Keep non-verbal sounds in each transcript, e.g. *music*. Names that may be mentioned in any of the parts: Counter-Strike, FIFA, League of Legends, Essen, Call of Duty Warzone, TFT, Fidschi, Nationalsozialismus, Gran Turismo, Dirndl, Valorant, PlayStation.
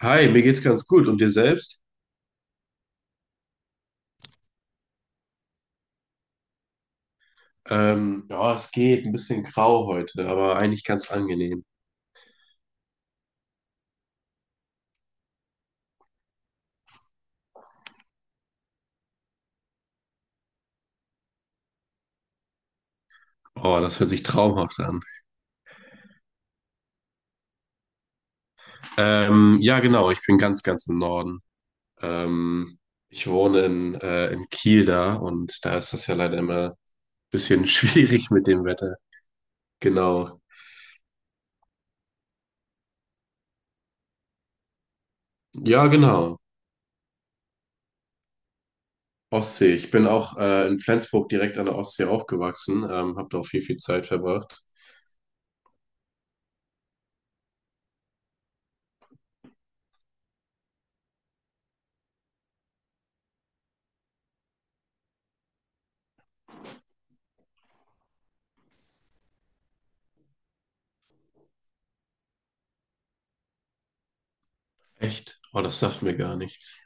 Hi, mir geht's ganz gut. Und dir selbst? Ja, es geht ein bisschen grau heute, aber eigentlich ganz angenehm. Oh, das hört sich traumhaft an. Ja, genau, ich bin ganz im Norden. Ähm, ich wohne in Kiel da und da ist das ja leider immer ein bisschen *laughs* schwierig mit dem Wetter. Genau. Ja, genau. Ostsee. Ich bin auch in Flensburg direkt an der Ostsee aufgewachsen, habe da auch viel Zeit verbracht. Echt? Oh, das sagt mir gar nichts.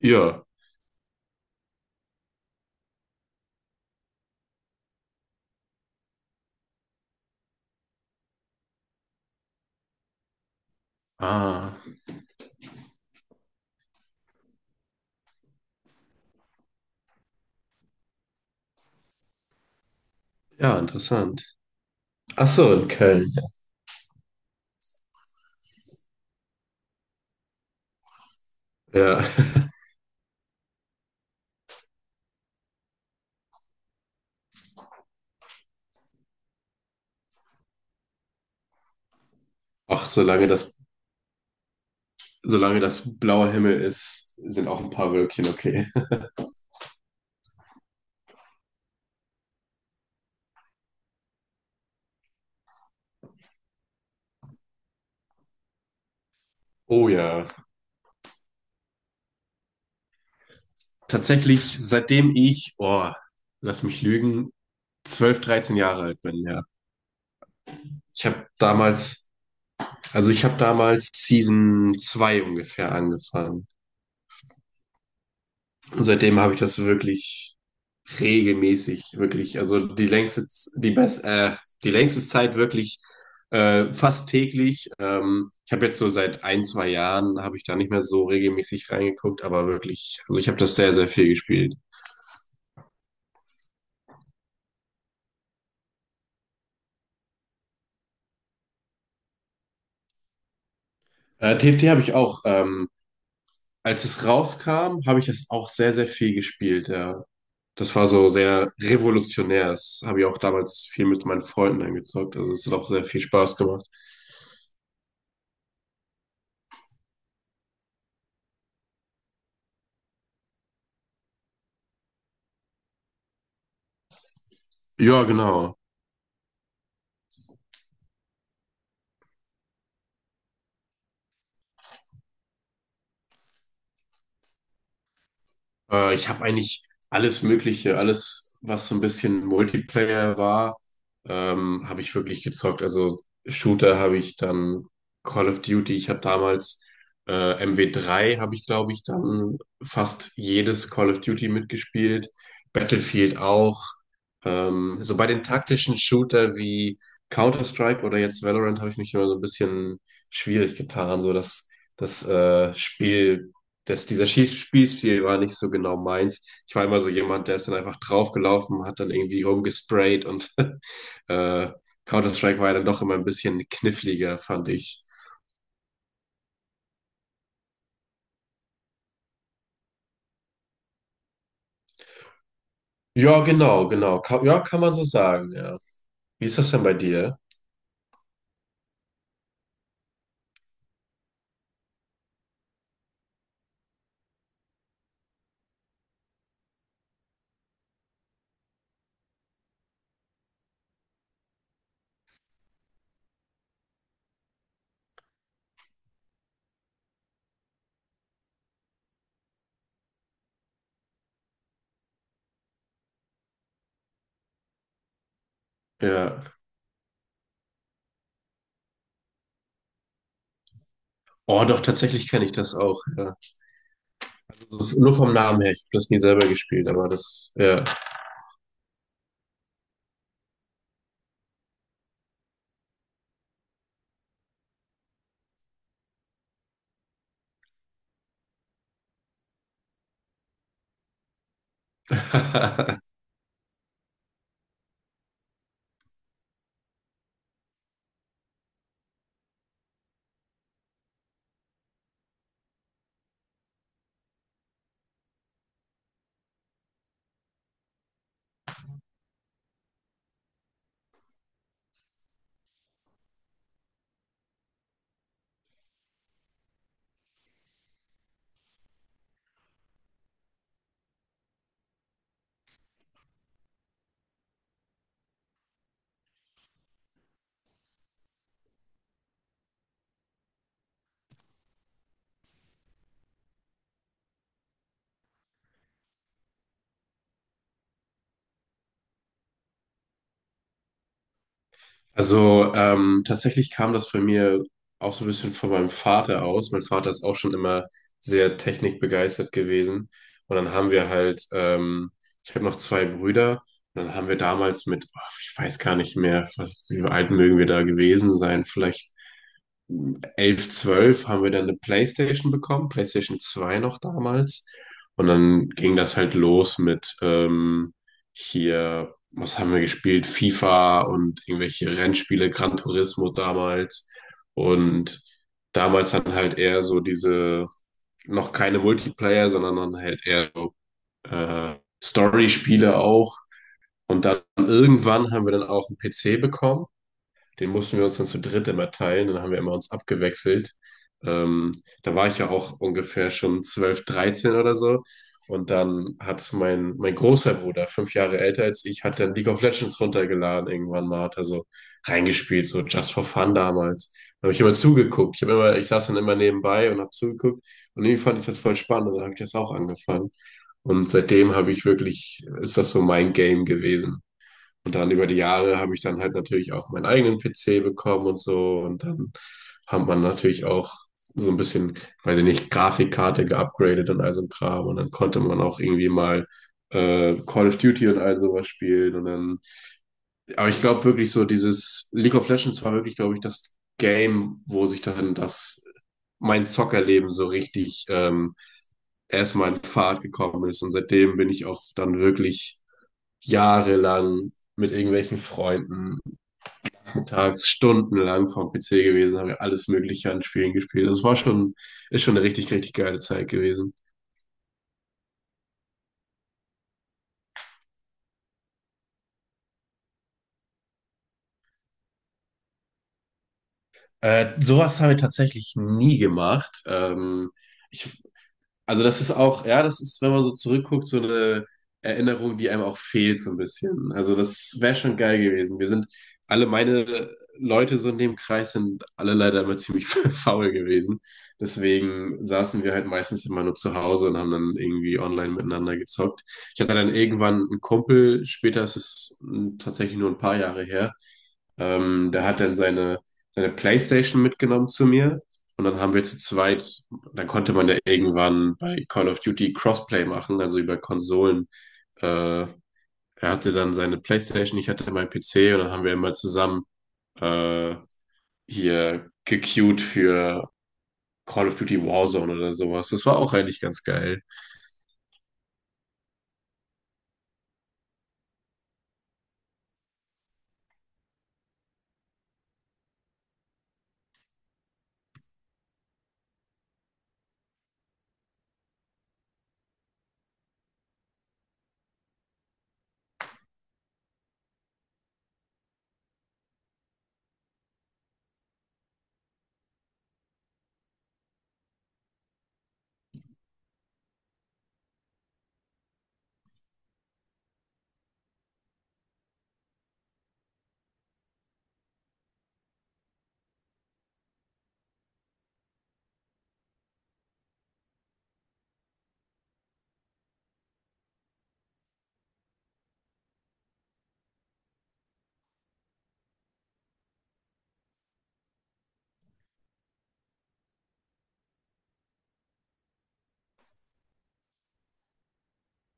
Ja. Ah, ja, interessant. Ach so, in Köln. Ja. Ach, solange das, solange das blauer Himmel ist, sind auch ein paar Wölkchen okay. Oh ja. Tatsächlich, seitdem ich, oh, lass mich lügen, 12 13 Jahre alt bin, ja. Ich habe damals, also ich habe damals Season 2 ungefähr angefangen. Und seitdem habe ich das wirklich regelmäßig, wirklich. Also die längste, Z- die best, die längste Zeit wirklich fast täglich. Ich habe jetzt so seit ein, zwei Jahren habe ich da nicht mehr so regelmäßig reingeguckt, aber wirklich, also ich habe das sehr, sehr viel gespielt. TFT habe ich auch, als es rauskam, habe ich das auch sehr, sehr viel gespielt, ja. Das war so sehr revolutionär. Das habe ich auch damals viel mit meinen Freunden eingezockt. Also es hat auch sehr viel Spaß gemacht. Ja, genau. Ich habe eigentlich alles Mögliche, alles, was so ein bisschen Multiplayer war, habe ich wirklich gezockt. Also Shooter habe ich dann Call of Duty, ich habe damals MW 3, habe ich, glaube ich, dann fast jedes Call of Duty mitgespielt. Battlefield auch. So bei den taktischen Shooter wie Counter-Strike oder jetzt Valorant habe ich mich immer so ein bisschen schwierig getan, so das, das Spiel dieser Schieß- Spielstil war nicht so genau meins. Ich war immer so jemand, der ist dann einfach draufgelaufen, hat dann irgendwie rumgesprayt und *laughs* äh, Counter-Strike war ja dann doch immer ein bisschen kniffliger, fand ich. Ja, genau. Ka ja, kann man so sagen, ja. Wie ist das denn bei dir? Ja. Oh, doch, tatsächlich kenne ich das auch, ja. Das ist nur vom Namen her. Ich habe das nie selber gespielt, aber das, ja. *laughs* Also tatsächlich kam das bei mir auch so ein bisschen von meinem Vater aus. Mein Vater ist auch schon immer sehr technikbegeistert gewesen. Und dann haben wir halt, ich habe noch 2 Brüder. Und dann haben wir damals mit, ach, ich weiß gar nicht mehr, was, wie alt mögen wir da gewesen sein, vielleicht 11, 12 haben wir dann eine PlayStation bekommen, PlayStation 2 noch damals. Und dann ging das halt los mit hier, was haben wir gespielt? FIFA und irgendwelche Rennspiele, Gran Turismo damals. Und damals dann halt eher so diese, noch keine Multiplayer, sondern dann halt eher so äh, Story-Spiele auch. Und dann irgendwann haben wir dann auch einen PC bekommen. Den mussten wir uns dann zu dritt immer teilen. Dann haben wir immer uns abgewechselt. Ähm, da war ich ja auch ungefähr schon 12, 13 oder so. Und dann hat mein großer Bruder, 5 Jahre älter als ich, hat dann League of Legends runtergeladen irgendwann mal, hat er so reingespielt, so just for fun damals. Da habe ich immer zugeguckt. Ich habe immer, ich saß dann immer nebenbei und habe zugeguckt. Und irgendwie fand ich das voll spannend und dann habe ich das auch angefangen. Und seitdem habe ich wirklich, ist das so mein Game gewesen. Und dann über die Jahre habe ich dann halt natürlich auch meinen eigenen PC bekommen und so. Und dann hat man natürlich auch so ein bisschen, weiß ich nicht, Grafikkarte geupgradet und all so ein Kram. Und dann konnte man auch irgendwie mal Call of Duty und all sowas spielen. Und dann, aber ich glaube wirklich so, dieses League of Legends war wirklich, glaube ich, das Game, wo sich dann das, mein Zockerleben so richtig erstmal in Fahrt gekommen ist. Und seitdem bin ich auch dann wirklich jahrelang mit irgendwelchen Freunden tags stundenlang vorm PC gewesen, haben wir alles Mögliche an Spielen gespielt. Das war schon, ist schon eine richtig, richtig geile Zeit gewesen. Sowas haben wir tatsächlich nie gemacht. Ich Also das ist auch, ja, das ist, wenn man so zurückguckt, so eine Erinnerung, die einem auch fehlt so ein bisschen. Also das wäre schon geil gewesen. Wir sind, alle meine Leute so in dem Kreis sind alle leider immer ziemlich *laughs* faul gewesen. Deswegen saßen wir halt meistens immer nur zu Hause und haben dann irgendwie online miteinander gezockt. Ich hatte dann irgendwann einen Kumpel, später ist es tatsächlich nur ein paar Jahre her, der hat dann seine, seine PlayStation mitgenommen zu mir. Und dann haben wir zu zweit dann konnte man ja irgendwann bei Call of Duty Crossplay machen, also über Konsolen. Äh, er hatte dann seine PlayStation, ich hatte meinen PC und dann haben wir immer zusammen äh, hier gequeued für Call of Duty Warzone oder sowas. Das war auch eigentlich ganz geil.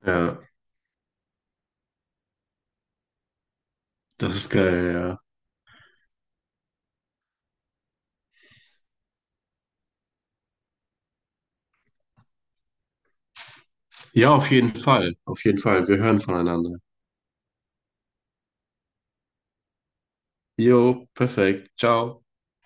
Ja, das ist geil, ja. Ja, auf jeden Fall. Auf jeden Fall. Wir hören voneinander. Jo, perfekt. Ciao.